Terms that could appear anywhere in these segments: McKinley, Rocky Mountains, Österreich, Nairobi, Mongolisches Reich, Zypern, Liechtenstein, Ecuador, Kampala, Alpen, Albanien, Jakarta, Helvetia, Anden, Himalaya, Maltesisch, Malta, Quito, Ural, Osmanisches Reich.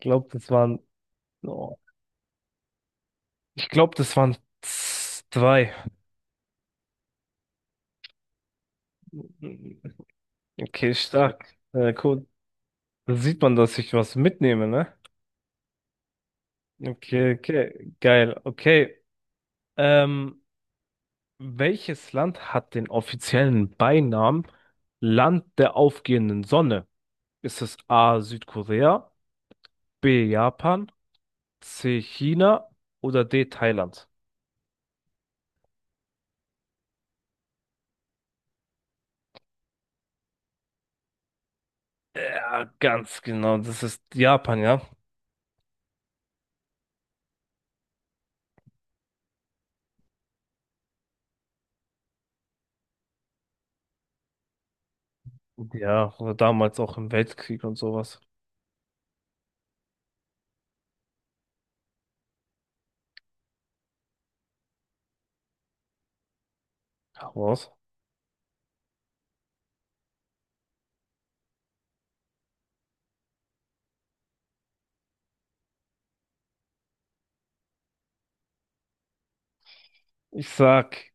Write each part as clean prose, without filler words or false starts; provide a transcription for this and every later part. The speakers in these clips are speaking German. glaube, das waren, oh, ich glaube, das waren zwei. Okay, stark. Cool. Da sieht man, dass ich was mitnehme, ne? Okay, okay, geil. Okay. Ähm, Welches Land hat den offiziellen Beinamen Land der aufgehenden Sonne? Ist es A. Südkorea, B. Japan, C. China oder D. Thailand? Ja, ganz genau. Das ist Japan, ja. Ja, oder damals auch im Weltkrieg und sowas. Raus. Ich sag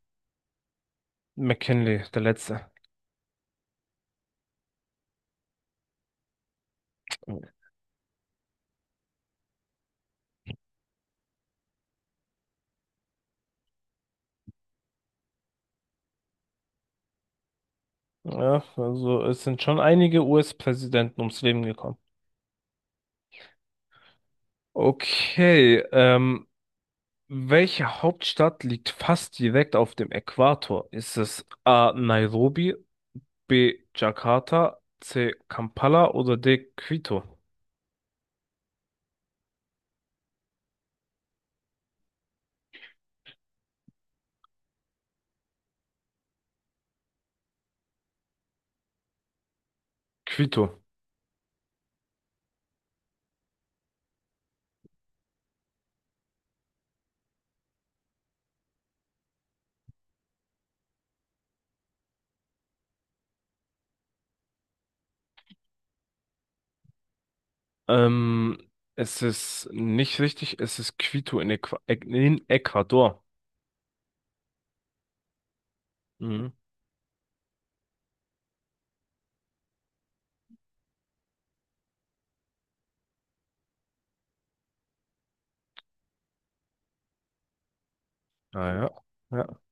McKinley, der Letzte. Ja, also es sind schon einige US-Präsidenten ums Leben gekommen. Okay, welche Hauptstadt liegt fast direkt auf dem Äquator? Ist es A. Nairobi, B. Jakarta, C. Kampala oder D. Quito? Quito. Ähm, Es ist nicht richtig, es ist Quito in Ecuador. Mhm. Naja. Ja.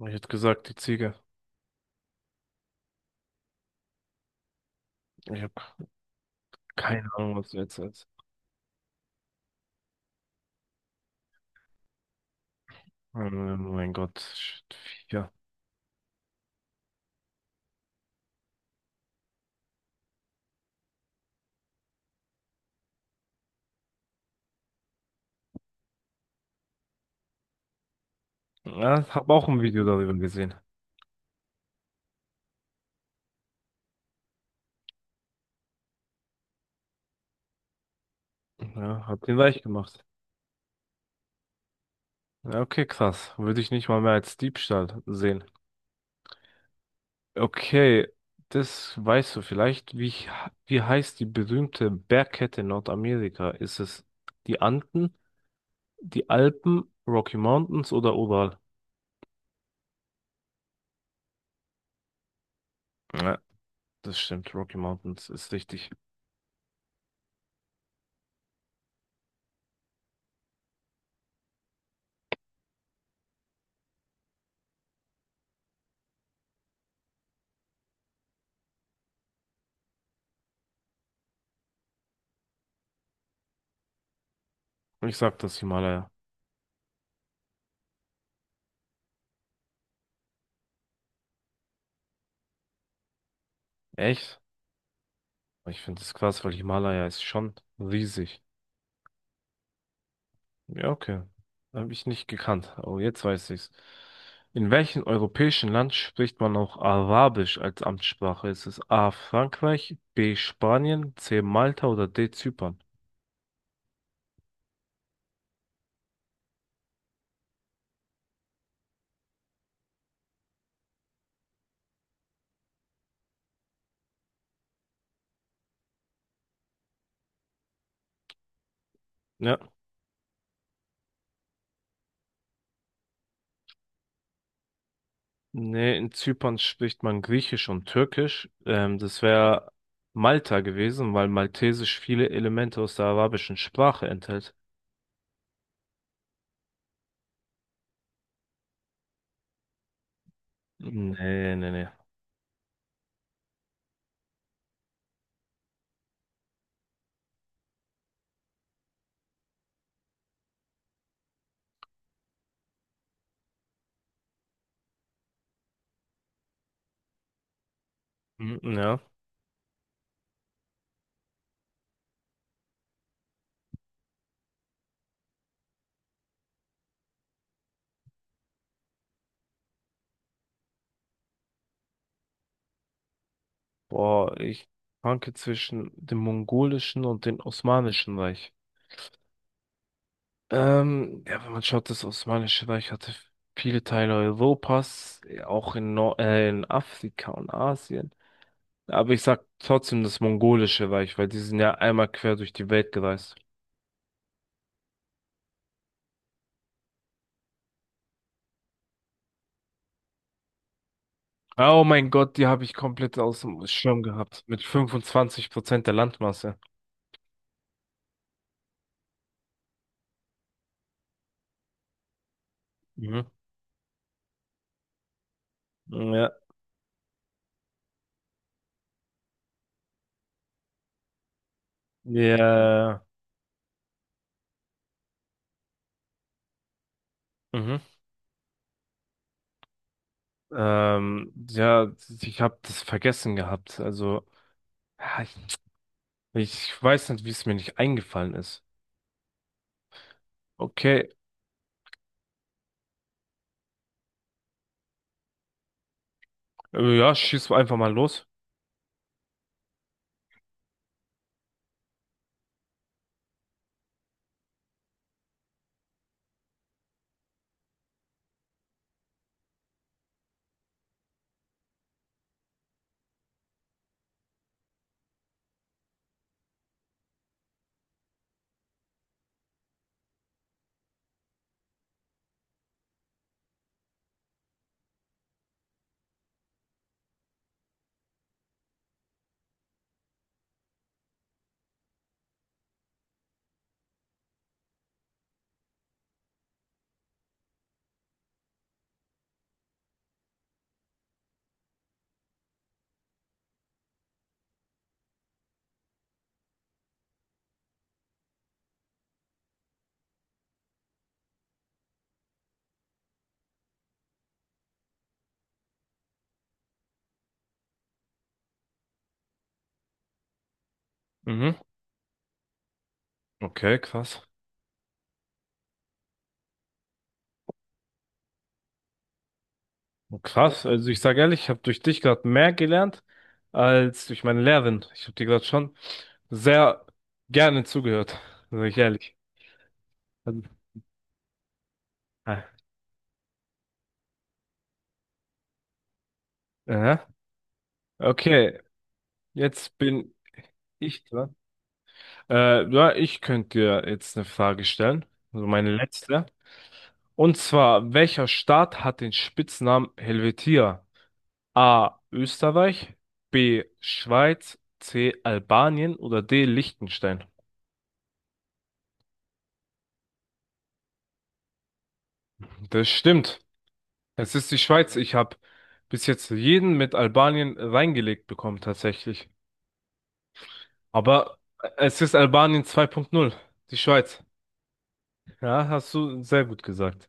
Ja. Ich hätte gesagt, die Ziege. Ich hab Keine Ahnung, was du jetzt sagst. Mein Gott. Ja. Ja, hab auch ein Video darüber gesehen. Ja, hab den weich gemacht. Ja, okay, krass. Würde ich nicht mal mehr als Diebstahl sehen. Okay, das weißt du vielleicht. Wie heißt die berühmte Bergkette in Nordamerika? Ist es die Anden, die Alpen, Rocky Mountains oder Ural? Ja, das stimmt. Rocky Mountains ist richtig. Ich sag das Himalaya. Echt? Ich finde das krass, weil Himalaya ist schon riesig. Ja, okay. Habe ich nicht gekannt, aber jetzt weiß ich's. In welchem europäischen Land spricht man auch Arabisch als Amtssprache? Ist es A. Frankreich, B. Spanien, C. Malta oder D. Zypern? Ja. Nee, in Zypern spricht man Griechisch und Türkisch. Das wäre Malta gewesen, weil Maltesisch viele Elemente aus der arabischen Sprache enthält. Nee, nee, nee. Mm, ja. Boah, ich schwanke zwischen dem mongolischen und dem osmanischen Reich. Ja, wenn man schaut, das Osmanische Reich hatte viele Teile Europas, auch in, Nor in Afrika und Asien. Aber ich sag trotzdem das Mongolische Reich, weil die sind ja einmal quer durch die Welt gereist. Ah, oh mein Gott, die habe ich komplett aus dem Schirm gehabt. Mit 25% der Landmasse. Mhm. Ja. Ja. Mhm. Ja, ich habe das vergessen gehabt. Also, ja, ich weiß nicht, wie es mir nicht eingefallen ist. Okay, ja, schieß einfach mal los. Mhm. Okay, krass. Krass. Also ich sage ehrlich, ich habe durch dich gerade mehr gelernt als durch meine Lehrerin. Ich habe dir gerade schon sehr gerne zugehört, sage ich ehrlich. Also, ah, aha. Okay, jetzt bin ich dran. Ja, ich könnte dir jetzt eine Frage stellen, also meine letzte. Und zwar, welcher Staat hat den Spitznamen Helvetia? A. Österreich, B. Schweiz, C. Albanien oder D. Liechtenstein. Das stimmt. Es ist die Schweiz. Ich habe bis jetzt jeden mit Albanien reingelegt bekommen, tatsächlich. Aber es ist Albanien 2.0, die Schweiz. Ja, hast du sehr gut gesagt.